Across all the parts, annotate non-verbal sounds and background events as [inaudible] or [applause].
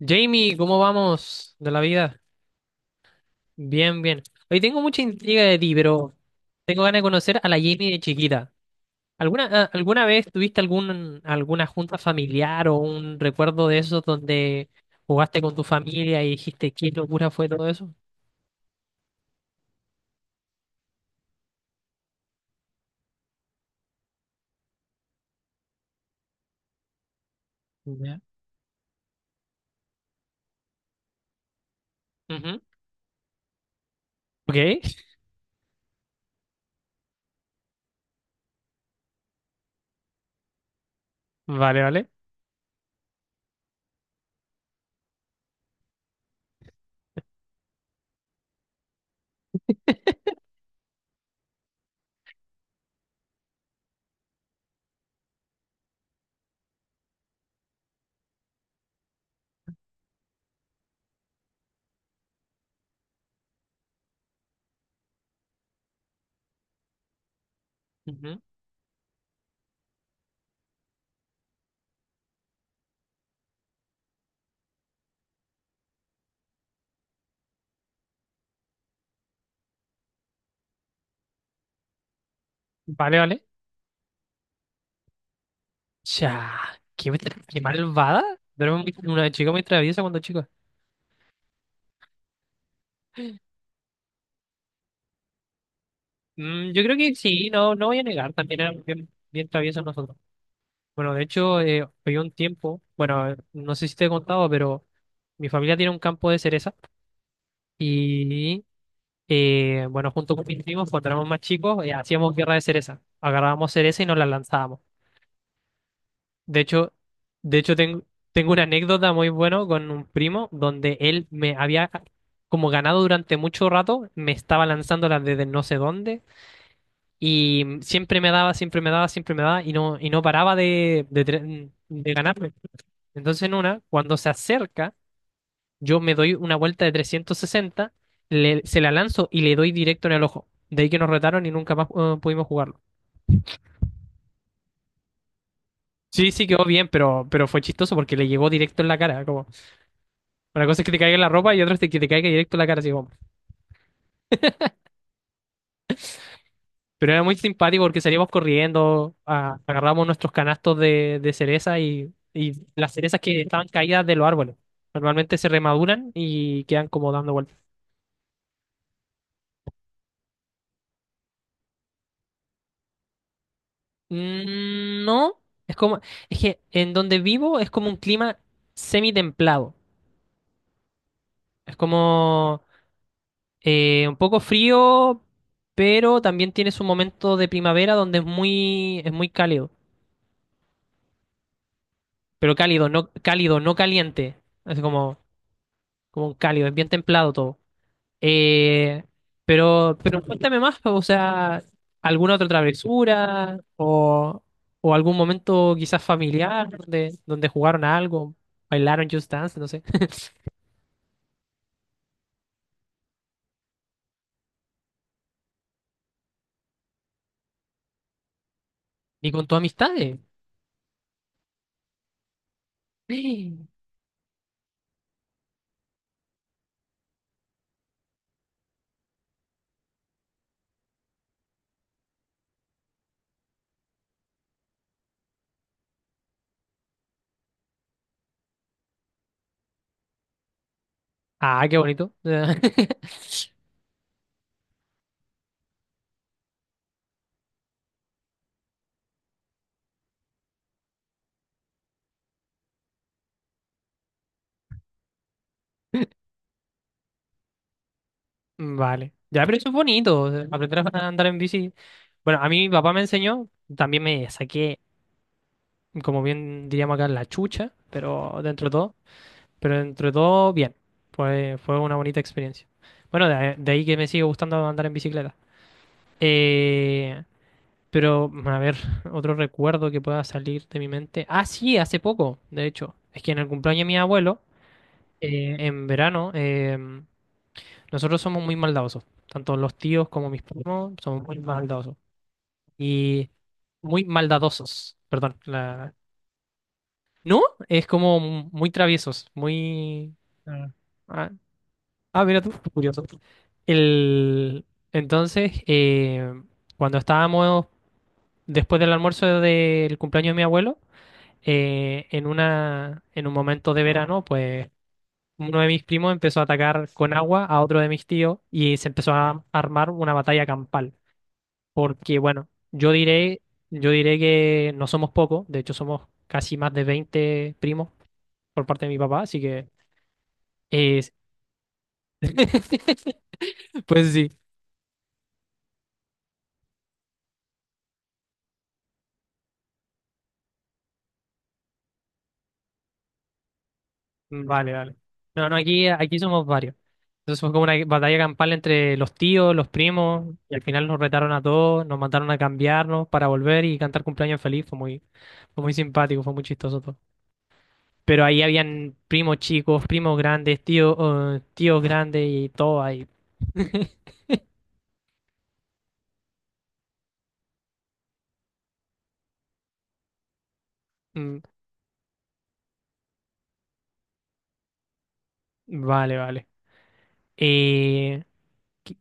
Jamie, ¿cómo vamos de la vida? Bien, bien. Hoy tengo mucha intriga de ti, pero tengo ganas de conocer a la Jamie de chiquita. ¿Alguna vez tuviste alguna junta familiar o un recuerdo de esos donde jugaste con tu familia y dijiste qué locura fue todo eso? Ya. Ujú. Ok, vale, vale. Ujú. Vale, vale. Ya, qué malvada. Pero era muy una chica muy traviesa cuando chica. Mm, yo creo que sí, no, no voy a negar, también era bien, bien traviesa nosotros. Bueno, de hecho, fue un tiempo, bueno, no sé si te he contado, pero mi familia tiene un campo de cereza y, bueno, junto con mis primos, cuando éramos más chicos, hacíamos guerra de cereza. Agarrábamos cereza y nos la lanzábamos. De hecho, de hecho tengo, tengo una anécdota muy buena con un primo donde él me había como ganado durante mucho rato, me estaba lanzándola desde no sé dónde. Y siempre me daba, siempre me daba, siempre me daba y no paraba de ganarme. Entonces en una, cuando se acerca, yo me doy una vuelta de 360, se la lanzo y le doy directo en el ojo. De ahí que nos retaron y nunca más pudimos jugarlo. Sí, sí quedó bien, pero fue chistoso porque le llegó directo en la cara. Como, una cosa es que te caiga en la ropa y otra es que te caiga directo en la cara. Así, como, pero era muy simpático porque salíamos corriendo, agarramos nuestros canastos de cereza y las cerezas que estaban caídas de los árboles. Normalmente se remaduran y quedan como dando vueltas. Mm, no, es como, es que en donde vivo es como un clima semi-templado. Es como un poco frío, pero también tiene su momento de primavera donde es muy cálido. Pero cálido, no caliente. Es como, como un cálido, es bien templado todo. Eh, pero cuéntame más, o sea, ¿alguna otra travesura o algún momento quizás familiar donde, donde jugaron a algo, bailaron Just Dance, no sé, [laughs] ni con tus amistades? [gasps] Ah, qué bonito. [laughs] Vale. Ya, pero eso es bonito, o sea, aprender a andar en bici. Bueno, a mí mi papá me enseñó, también me saqué, como bien diríamos acá, la chucha, pero dentro de todo. Pero entre todo, bien. Fue, fue una bonita experiencia. Bueno, de ahí que me sigue gustando andar en bicicleta. Eh, pero, bueno, a ver, [laughs] otro recuerdo que pueda salir de mi mente. Ah, sí, hace poco, de hecho. Es que en el cumpleaños de mi abuelo, en verano, nosotros somos muy maldadosos. Tanto los tíos como mis primos somos muy maldadosos. Y muy maldadosos, perdón. ¿No? Es como muy traviesos, muy... Ah. Ah, mira tú, curioso. El... Entonces, cuando estábamos después del almuerzo del cumpleaños de mi abuelo, en un momento de verano, pues uno de mis primos empezó a atacar con agua a otro de mis tíos y se empezó a armar una batalla campal. Porque, bueno, yo diré que no somos pocos, de hecho somos casi más de 20 primos por parte de mi papá, así que... eh, [laughs] pues sí, vale, vale. No, no, aquí, aquí somos varios. Entonces fue como una batalla campal entre los tíos, los primos, y al final nos retaron a todos, nos mandaron a cambiarnos para volver y cantar cumpleaños feliz. Fue muy simpático, fue muy chistoso todo. Pero ahí habían primos chicos, primos grandes, tíos, tíos grandes y todo ahí. Mm, vale, vale. Eh, que-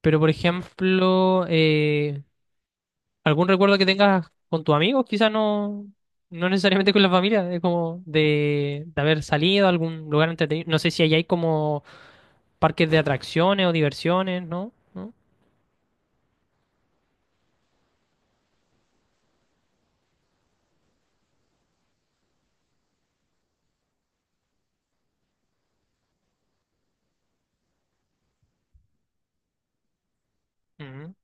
pero por ejemplo, ¿algún recuerdo que tengas con tus amigos? Quizás no, no necesariamente con la familia, es como de haber salido a algún lugar entretenido. No sé si allá hay como parques de atracciones o diversiones, ¿no? ¿No? Ujú.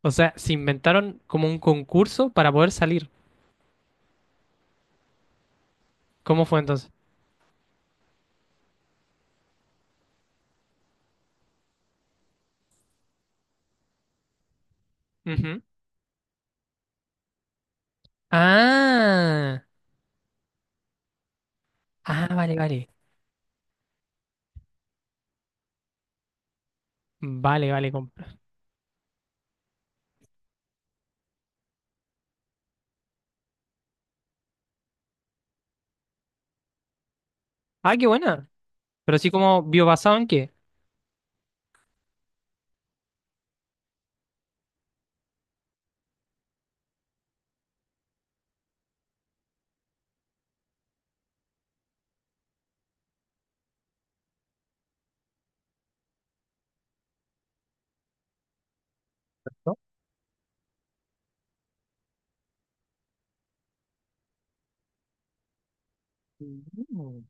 O sea, se inventaron como un concurso para poder salir. ¿Cómo fue entonces? Ujú. Ah, ah, vale, vale. Vale, vale, compa. Ah, qué buena. Pero así, ¿como biobasado en qué? ¿No? Mm.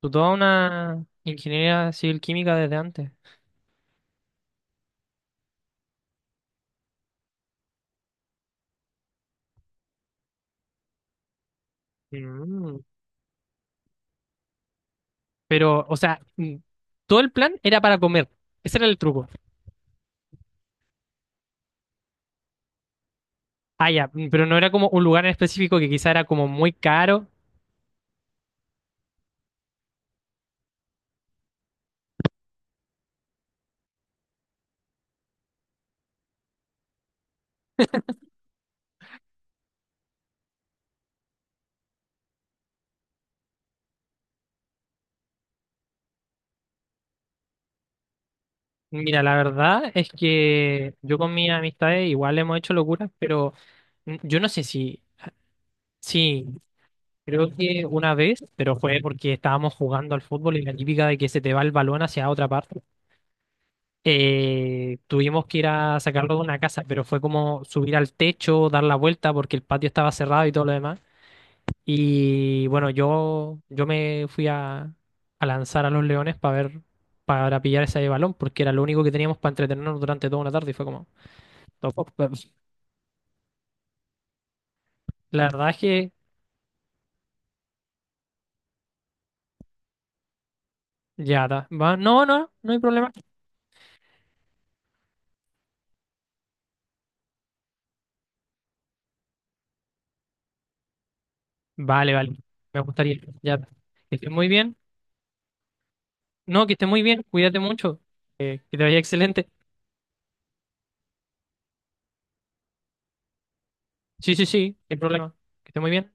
Tú toda una ingeniería civil química desde antes. Mm. Pero, o sea, mm, todo el plan era para comer. Ese era el truco. Ah, ya, mm, pero no era como un lugar en específico que quizá era como muy caro. Mira, la verdad es que yo con mis amistades igual hemos hecho locuras, pero mm, yo no sé si, sí, creo que una vez, pero fue porque estábamos jugando al fútbol y la típica de que se te va el balón hacia otra parte. Tuvimos que ir a sacarlo de una casa, pero fue como subir al techo, dar la vuelta porque el patio estaba cerrado y todo lo demás. Y bueno, yo me fui a lanzar a los leones para ver, para pillar ese balón, porque era lo único que teníamos para entretenernos durante toda una tarde. Y fue como, "No, po, po". La verdad es que ya está. Va, no, no, no no hay problema. Vale, vale, me gustaría. Ya está. Que estés muy bien. No, que estés muy bien, cuídate mucho. Que te vaya excelente. Sí, sí, sí, no hay problema. Que estés muy bien.